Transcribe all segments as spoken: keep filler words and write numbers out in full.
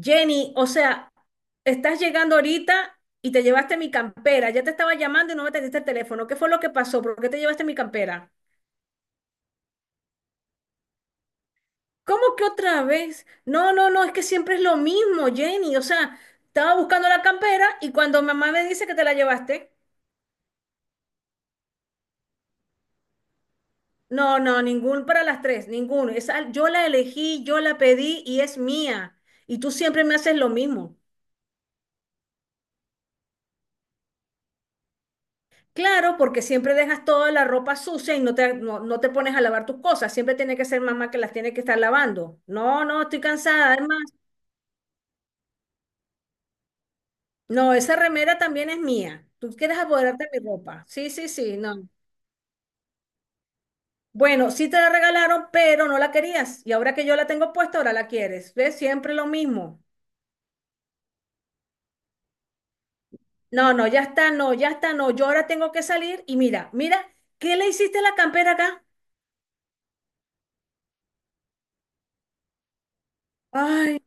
Jenny, o sea, estás llegando ahorita y te llevaste mi campera. Ya te estaba llamando y no me atendiste el teléfono. ¿Qué fue lo que pasó? ¿Por qué te llevaste mi campera? ¿Cómo que otra vez? No, no, no, es que siempre es lo mismo, Jenny. O sea, estaba buscando la campera y cuando mamá me dice que te la llevaste, no, no, ningún para las tres, ninguno. Esa, yo la elegí, yo la pedí y es mía. Y tú siempre me haces lo mismo. Claro, porque siempre dejas toda la ropa sucia y no te, no, no te pones a lavar tus cosas. Siempre tiene que ser mamá que las tiene que estar lavando. No, no, estoy cansada. Además, no, esa remera también es mía. Tú quieres apoderarte de mi ropa. Sí, sí, sí, no. Bueno, sí te la regalaron, pero no la querías. Y ahora que yo la tengo puesta, ahora la quieres. ¿Ves? Siempre lo mismo. No, no, ya está, no, ya está, no. Yo ahora tengo que salir y mira, mira, ¿qué le hiciste a la campera acá? Ay,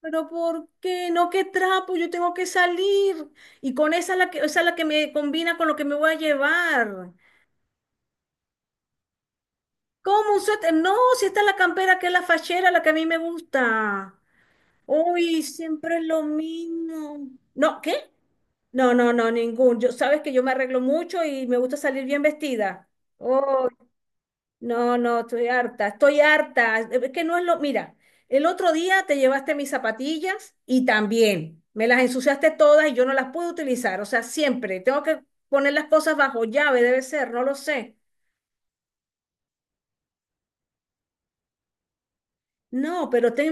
Pero ¿por qué? No, qué trapo, yo tengo que salir. Y con esa es la que, esa es la que me combina con lo que me voy a llevar. ¿Cómo un suéter? No, si esta es la campera que es la fachera, la que a mí me gusta. Uy, siempre es lo mismo. No, ¿qué? No, no, no, ningún. Yo, sabes que yo me arreglo mucho y me gusta salir bien vestida. No, no, estoy harta, estoy harta. Es que no es lo. Mira, el otro día te llevaste mis zapatillas y también me las ensuciaste todas y yo no las pude utilizar. O sea, siempre tengo que poner las cosas bajo llave, debe ser, no lo sé. No, pero ten...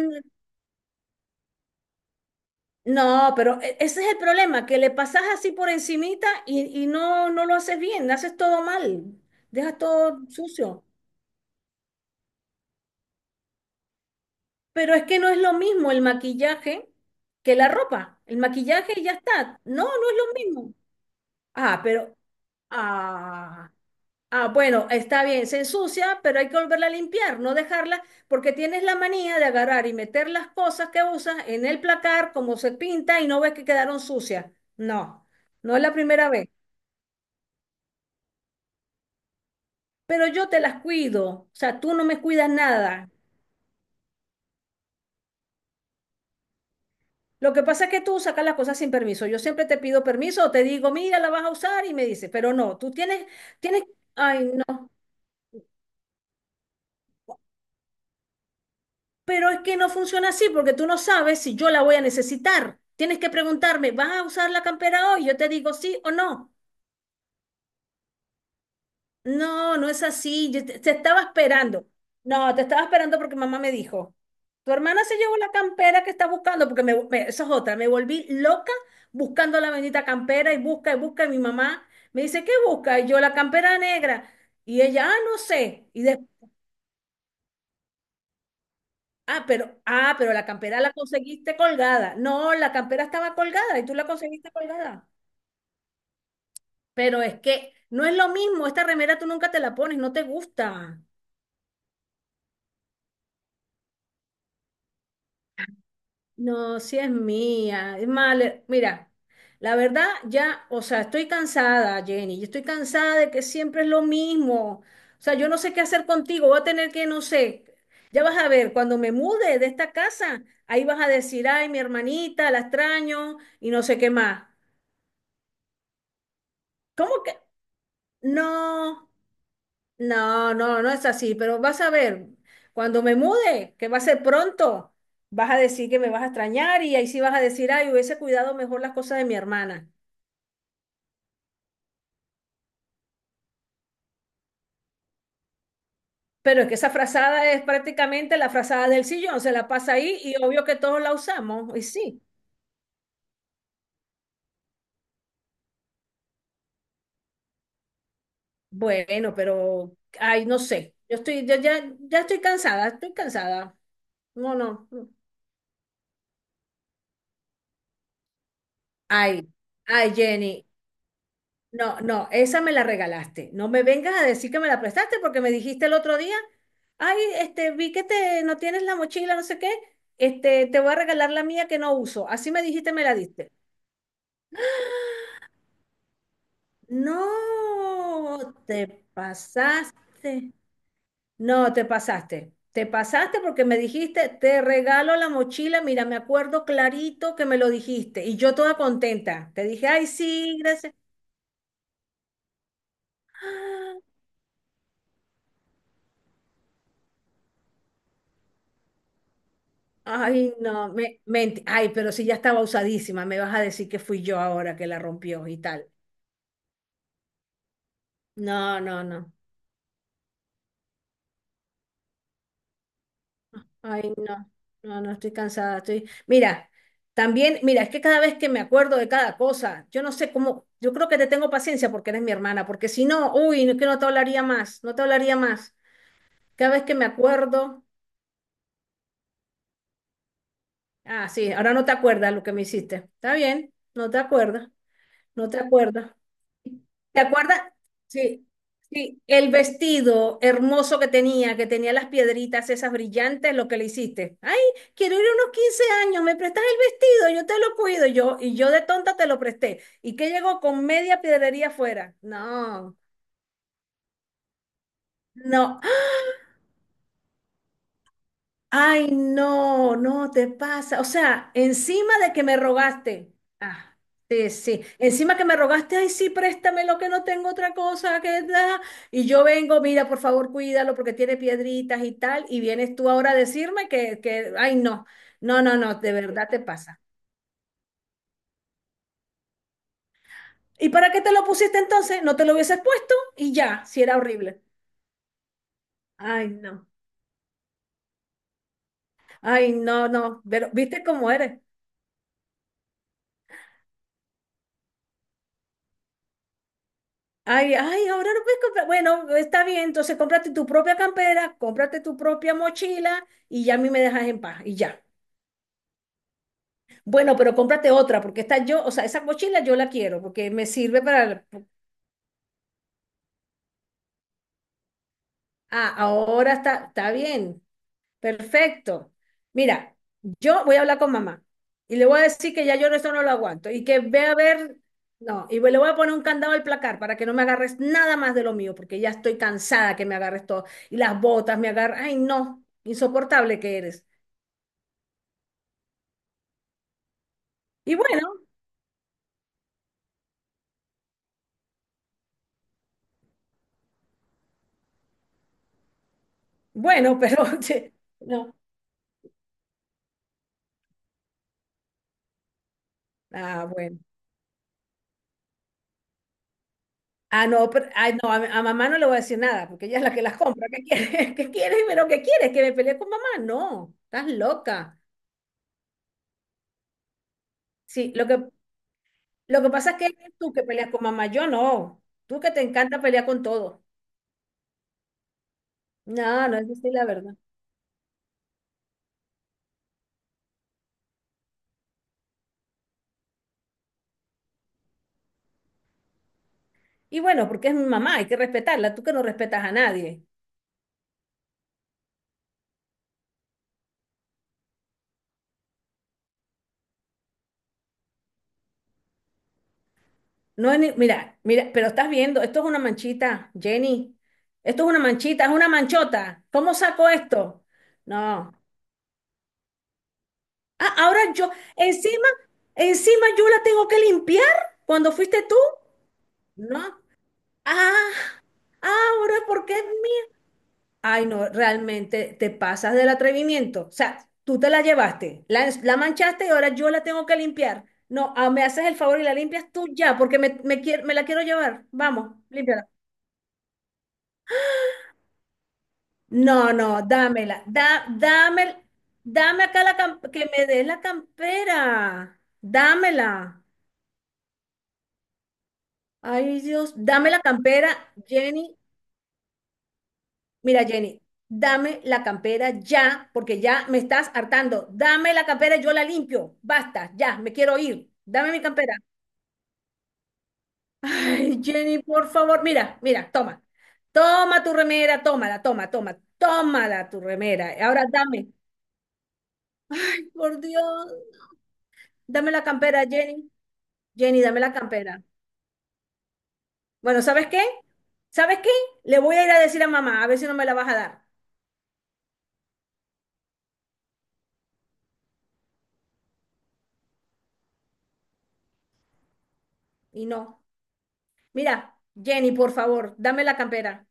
No, pero e- ese es el problema, que le pasas así por encimita y, y no, no lo haces bien, haces todo mal, dejas todo sucio. Pero es que no es lo mismo el maquillaje que la ropa. El maquillaje ya está. No, no es lo mismo. Ah, pero, ah, ah, bueno, está bien, se ensucia, pero hay que volverla a limpiar, no dejarla, porque tienes la manía de agarrar y meter las cosas que usas en el placar como se pinta y no ves que quedaron sucias. No, no es la primera vez, pero yo te las cuido, o sea, tú no me cuidas nada. Lo que pasa es que tú sacas las cosas sin permiso. Yo siempre te pido permiso o te digo, mira, la vas a usar y me dices, pero no, tú tienes, tienes, ay, no. Pero es que no funciona así porque tú no sabes si yo la voy a necesitar. Tienes que preguntarme, ¿vas a usar la campera hoy? Yo te digo sí o no. No, no es así. Yo te, te estaba esperando. No, te estaba esperando porque mamá me dijo, tu hermana se llevó la campera que está buscando porque me, me- eso es otra. Me volví loca buscando la bendita campera y busca y busca y mi mamá me dice, ¿qué busca? Y yo la campera negra. Y ella, ah, no sé. Ah, pero, ah, pero la campera la conseguiste colgada. No, la campera estaba colgada y tú la conseguiste colgada. Pero es que no es lo mismo, esta remera tú nunca te la pones, no te gusta. No, si es mía. Es más, mira, la verdad ya, o sea, estoy cansada, Jenny. Yo estoy cansada de que siempre es lo mismo. O sea, yo no sé qué hacer contigo. Voy a tener que, no sé, ya vas a ver, cuando me mude de esta casa, ahí vas a decir, ay, mi hermanita, la extraño y no sé qué más. ¿Cómo que? No, no, no, no es así, pero vas a ver, cuando me mude, que va a ser pronto, vas a decir que me vas a extrañar y ahí sí vas a decir, ay, hubiese cuidado mejor las cosas de mi hermana. Pero es que esa frazada es prácticamente la frazada del sillón, se la pasa ahí y obvio que todos la usamos, y sí. Bueno, pero, ay, no sé, yo estoy, yo ya, ya estoy cansada, estoy cansada. No, no, no. Ay, ay, Jenny, No, no, esa me la regalaste. No me vengas a decir que me la prestaste porque me dijiste el otro día, ay, este, vi que te no tienes la mochila, no sé qué, este, te voy a regalar la mía que no uso. Así me dijiste, me la diste. No, te pasaste. No, te pasaste. Te pasaste porque me dijiste, te regalo la mochila. Mira, me acuerdo clarito que me lo dijiste. Y yo toda contenta. Te dije, ay, sí, gracias. Ay, no, me, ment- ay, pero si ya estaba usadísima, me vas a decir que fui yo ahora que la rompió y tal. No, no, no. Ay, no. No, no, estoy cansada, estoy. Mira, también, mira, es que cada vez que me acuerdo de cada cosa, yo no sé cómo, yo creo que te tengo paciencia porque eres mi hermana, porque si no, uy, no es que no te hablaría más, no te hablaría más. Cada vez que me acuerdo, ah, sí, ahora no te acuerdas lo que me hiciste. Está bien, no te acuerdas, no te acuerdas. ¿Te acuerdas? Sí, sí, el vestido hermoso que tenía, que tenía las piedritas esas brillantes, lo que le hiciste. Ay, quiero ir a unos quince años, me prestas el vestido, yo te lo cuido, yo, y yo de tonta te lo presté. ¿Y qué llegó con media piedrería afuera? No, no, Ay, no, no te pasa. O sea, encima de que me rogaste. Ah, sí, sí. Encima que me rogaste, ay, sí, préstame lo que no tengo otra cosa que da. Y yo vengo, mira, por favor, cuídalo porque tiene piedritas y tal. Y vienes tú ahora a decirme que, que, ay, no. No, no, no, de verdad te pasa. ¿Y para qué te lo pusiste entonces? No te lo hubieses puesto y ya, si era horrible. Ay, no. Ay, no, no. Pero, ¿viste cómo eres? Ay, ay, ahora no puedes comprar. Bueno, está bien, entonces cómprate tu propia campera, cómprate tu propia mochila y ya a mí me dejas en paz y ya. Bueno, pero cómprate otra porque esta yo, o sea, esa mochila yo la quiero porque me sirve para... Ah, ahora está, está bien. Perfecto. Mira, yo voy a hablar con mamá y le voy a decir que ya yo esto no lo aguanto y que ve a ver, no, y le voy a poner un candado al placar para que no me agarres nada más de lo mío, porque ya estoy cansada que me agarres todo y las botas me agarran, ay no, insoportable que eres. Y bueno, bueno, pero che, no, ah, bueno. Ah, no, pero- ay, no, a, a mamá no le voy a decir nada, porque ella es la que las compra. ¿Qué quieres? ¿Qué quieres? ¿Pero qué quieres? ¿Que me pelee con mamá? No, estás loca. Sí, lo que, Lo que pasa es que eres tú que peleas con mamá, yo no. Tú que te encanta pelear con todo. No, no, es así la verdad. Y bueno, porque es mi mamá, hay que respetarla. Tú que no respetas a nadie. No es ni- Mira, mira, pero estás viendo, esto es una manchita, Jenny. Esto es una manchita, es una manchota. ¿Cómo saco esto? No. Ah, ahora yo, encima, encima yo la tengo que limpiar cuando fuiste tú. No. Ah, ahora porque es mía. Ay, no, realmente te pasas del atrevimiento. O sea, tú te la llevaste, la, la manchaste y ahora yo la tengo que limpiar. No, ah, me haces el favor y la limpias tú ya, porque me, me, quier- me la quiero llevar. Vamos, límpiala. No, no, dámela. Da, dame, dame acá la cam- que me des la campera. Dámela. Ay, Dios, dame la campera, Jenny. Mira, Jenny, dame la campera ya, porque ya me estás hartando. Dame la campera, yo la limpio. Basta, ya, me quiero ir. Dame mi campera. Ay, Jenny, por favor, mira, mira, toma. Toma tu remera, tómala, toma, toma, tómala tu remera. Ahora dame, por Dios, dame la campera, Jenny. Jenny, dame la campera. Bueno, ¿sabes qué? ¿Sabes qué? Le voy a ir a decir a mamá, a ver si no me la vas a dar. Y no. Mira, Jenny, por favor, dame la campera.